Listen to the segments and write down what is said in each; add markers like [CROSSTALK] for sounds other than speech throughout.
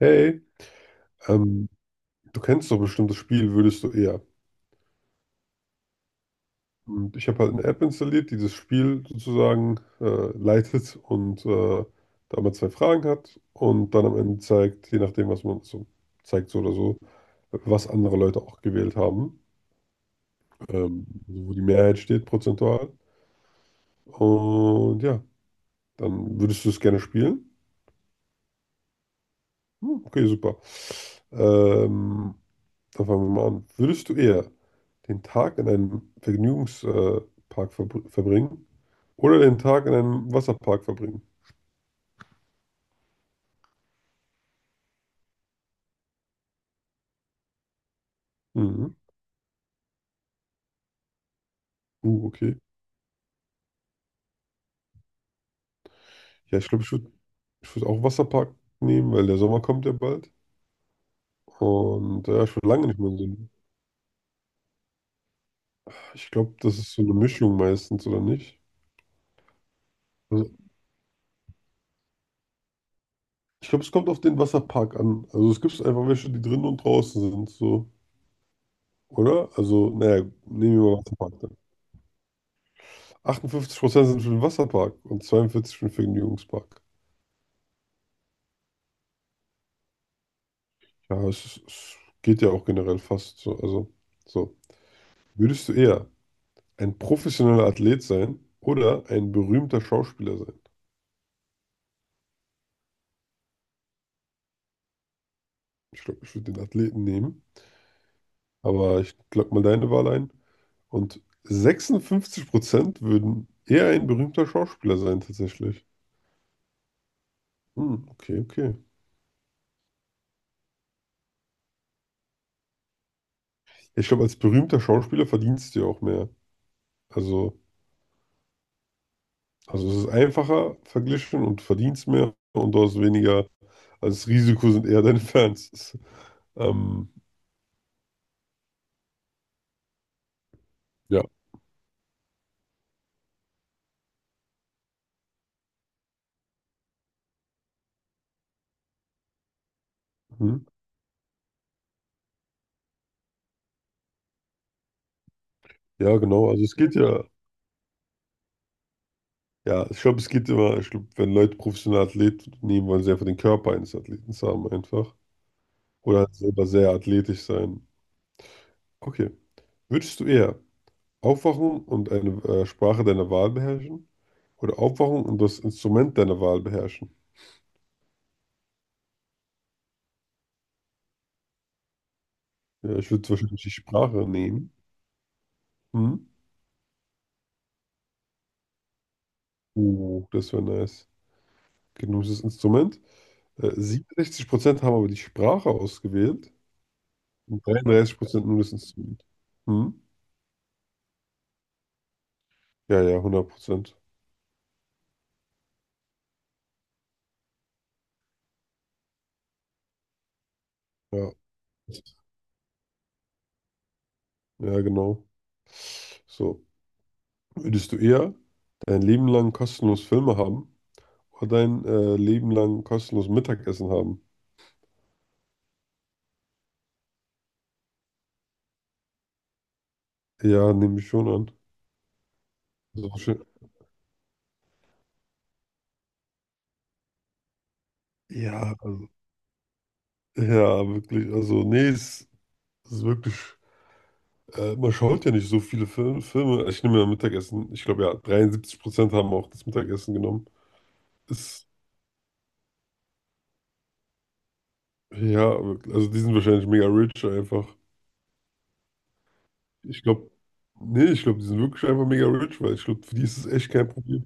Hey, ähm, du kennst doch bestimmt das Spiel, würdest du eher. Und ich habe halt eine App installiert, die das Spiel sozusagen leitet und da man zwei Fragen hat und dann am Ende zeigt, je nachdem, was man so zeigt, so oder so, was andere Leute auch gewählt haben, also wo die Mehrheit steht prozentual. Und ja, dann würdest du es gerne spielen? Hm, okay, super. Ähm, Dann fangen wir mal an. Würdest du eher den Tag in einem Vergnügungspark verbringen oder den Tag in einem Wasserpark verbringen? Mhm. Okay. Ja, ich glaube, ich würd auch Wasserpark nehmen, weil der Sommer kommt ja bald. Und ja, ich war lange nicht mehr in so einem. Ich glaube, das ist so eine Mischung meistens, oder nicht? Also, ich glaube, es kommt auf den Wasserpark an. Also es gibt einfach welche, die drinnen und draußen sind, so. Oder? Also, naja, nehmen wir mal Wasserpark dann. 58% sind für den Wasserpark und 42% für den Vergnügungspark. Ja, es geht ja auch generell fast so. Also, so. Würdest du eher ein professioneller Athlet sein oder ein berühmter Schauspieler sein? Ich glaube, ich würde den Athleten nehmen, aber ich glaube mal deine Wahl ein. Und 56% würden eher ein berühmter Schauspieler sein, tatsächlich. Hm, okay, okay. Ich glaube, als berühmter Schauspieler verdienst du ja auch mehr. Also, also es ist einfacher verglichen und verdienst mehr und du hast weniger. Also das Risiko sind eher deine Fans. [LAUGHS] Ähm, ja. Hm? Ja, genau. Also es geht ja, ja, ich glaube, es geht immer, ich glaube, wenn Leute professionelle Athleten nehmen, wollen sie einfach den Körper eines Athleten haben einfach. Oder halt selber sehr athletisch sein. Okay. Würdest du eher aufwachen und eine Sprache deiner Wahl beherrschen? Oder aufwachen und das Instrument deiner Wahl beherrschen? Ja, ich würde wahrscheinlich die Sprache nehmen. Hm? Oh, das wäre nice. Okay, du nimmst das Instrument. 67% haben aber die Sprache ausgewählt und 33% nur das Instrument. Hm? Ja, ja, 100%. Ja, ja, genau. So, würdest du eher dein Leben lang kostenlos Filme haben oder dein Leben lang kostenlos Mittagessen haben? Ja, nehme ich schon an. Also, wahrscheinlich. Ja, also, ja, wirklich. Also, nee, es ist wirklich. Man schaut ja nicht so viele Filme. Filme. Ich nehme ja Mittagessen. Ich glaube, ja, 73% haben auch das Mittagessen genommen. Ist, ja, wirklich. Also, die sind wahrscheinlich mega rich einfach. Ich glaube, nee, ich glaube, die sind wirklich einfach mega rich, weil ich glaube, für die ist es echt kein Problem.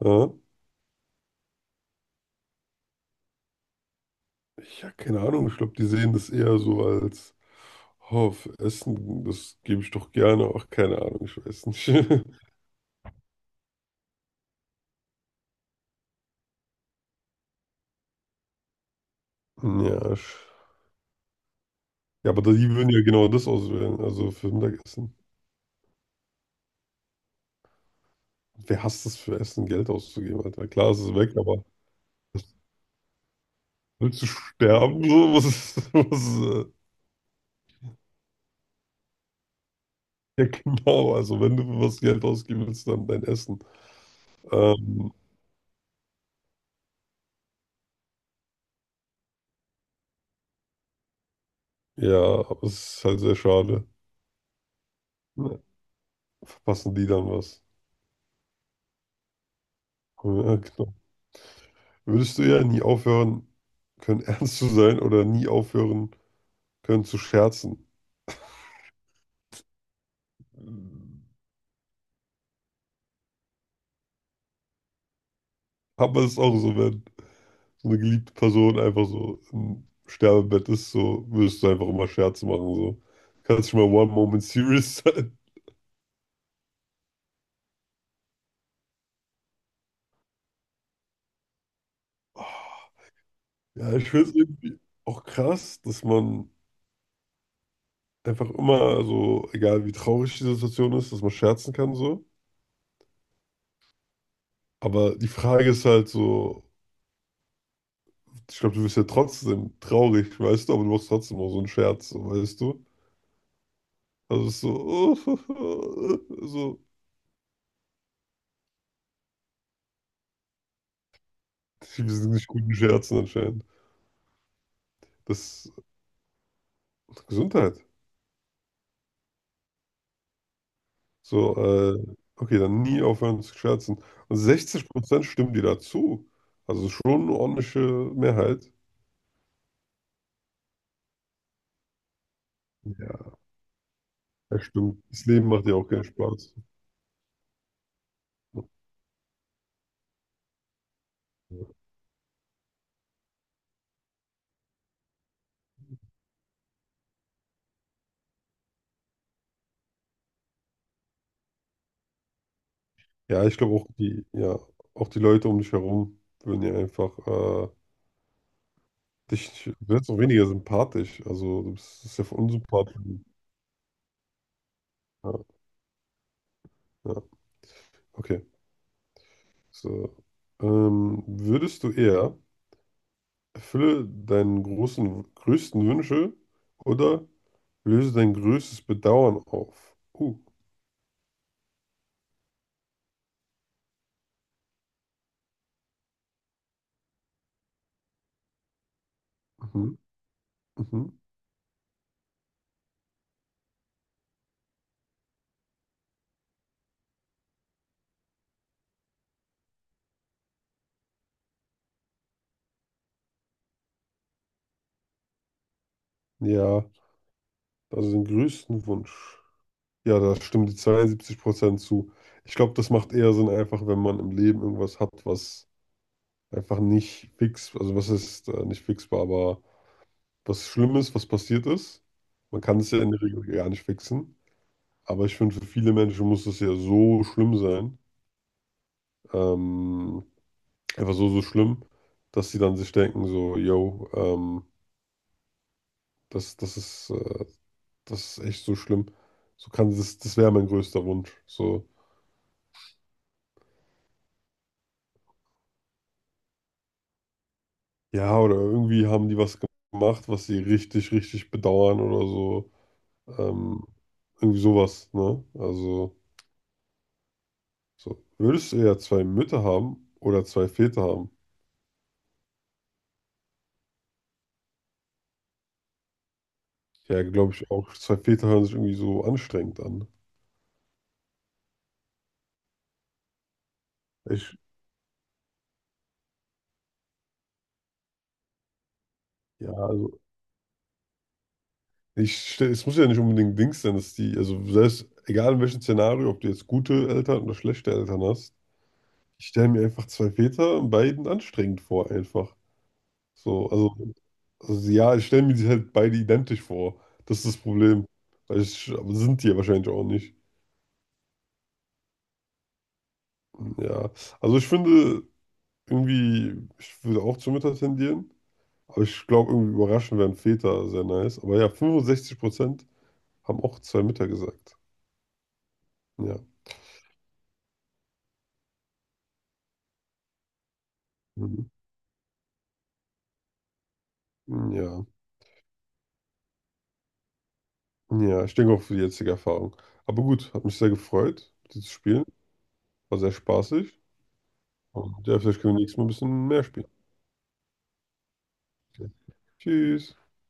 Ja, ich habe keine Ahnung, ich glaube, die sehen das eher so als, oh, für Essen, das gebe ich doch gerne. Ach, keine Ahnung, ich weiß nicht. [LAUGHS] Ja, ja, aber die würden ja genau das auswählen, also für Mittagessen. Wer hasst es für Essen, Geld auszugeben, Alter? Klar, es ist weg, aber willst du sterben? So, was ist, [LAUGHS] was, ja, genau, also wenn du für was Geld ausgeben willst, dann dein Essen. Ähm, Ja aber es ist halt sehr schade. Ne? Verpassen die dann was. Ja, genau. Würdest du eher nie aufhören können, [LAUGHS] ernst zu sein oder nie aufhören können zu scherzen? Aber es ist auch so, wenn so eine geliebte Person einfach so im Sterbebett ist, so würdest du einfach immer Scherze machen. So. Kannst du mal one moment serious sein. Oh, ja, ich finde es irgendwie auch krass, dass man einfach immer, also egal wie traurig die Situation ist, dass man scherzen kann so. Aber die Frage ist halt so, ich glaube, du bist ja trotzdem traurig, weißt du, aber du machst trotzdem auch so einen Scherz, so, weißt du? Also es ist so, [LAUGHS] so, wir sind nicht guten Scherzen anscheinend. Das ist Gesundheit. So, okay, dann nie aufhören zu scherzen. Und 60% stimmen dir dazu. Also schon eine ordentliche Mehrheit. Ja, das stimmt. Das Leben macht ja auch keinen Spaß. Ja, ich glaube auch die, ja, auch die Leute um dich herum würden ja einfach dich wird auch weniger sympathisch. Also, du bist das ist ja voll unsympathisch. Ja, ja, okay. So. Würdest du eher erfülle deinen großen, größten Wünsche oder löse dein größtes Bedauern auf? Mhm, mhm. Ja, also den größten Wunsch. Ja, da stimmen die 72% zu. Ich glaube, das macht eher Sinn, einfach wenn man im Leben irgendwas hat, was einfach nicht fix, also was ist nicht fixbar, aber was Schlimmes, was passiert ist. Man kann es ja in der Regel gar nicht fixen. Aber ich finde, für viele Menschen muss es ja so schlimm sein. Ähm, einfach so, so schlimm, dass sie dann sich denken, so, yo, das ist, das ist echt so schlimm. So kann das, das wäre mein größter Wunsch. So, ja, oder irgendwie haben die was gemacht, was sie richtig, richtig bedauern oder so. Ähm, irgendwie sowas, ne? Also, so, würdest du eher zwei Mütter haben oder zwei Väter haben? Ja, glaube ich auch. Zwei Väter hören sich irgendwie so anstrengend an. Ich, ja, also, es muss ja nicht unbedingt Dings sein, dass die, also selbst, egal in welchem Szenario, ob du jetzt gute Eltern oder schlechte Eltern hast, ich stelle mir einfach zwei Väter und beiden anstrengend vor, einfach. So, also ja, ich stelle mir die halt beide identisch vor. Das ist das Problem. Weil ich, aber sind die ja wahrscheinlich auch nicht. Ja, also ich finde, irgendwie, ich würde auch zur Mutter tendieren. Aber ich glaube, irgendwie überraschend wären Väter sehr nice. Aber ja, 65% haben auch zwei Mütter gesagt. Ja. Mhm. Ja. Ja, ich denke auch für die jetzige Erfahrung. Aber gut, hat mich sehr gefreut, mit dir zu spielen. War sehr spaßig. Und ja, vielleicht können wir nächstes Mal ein bisschen mehr spielen. Okay. Tschüss.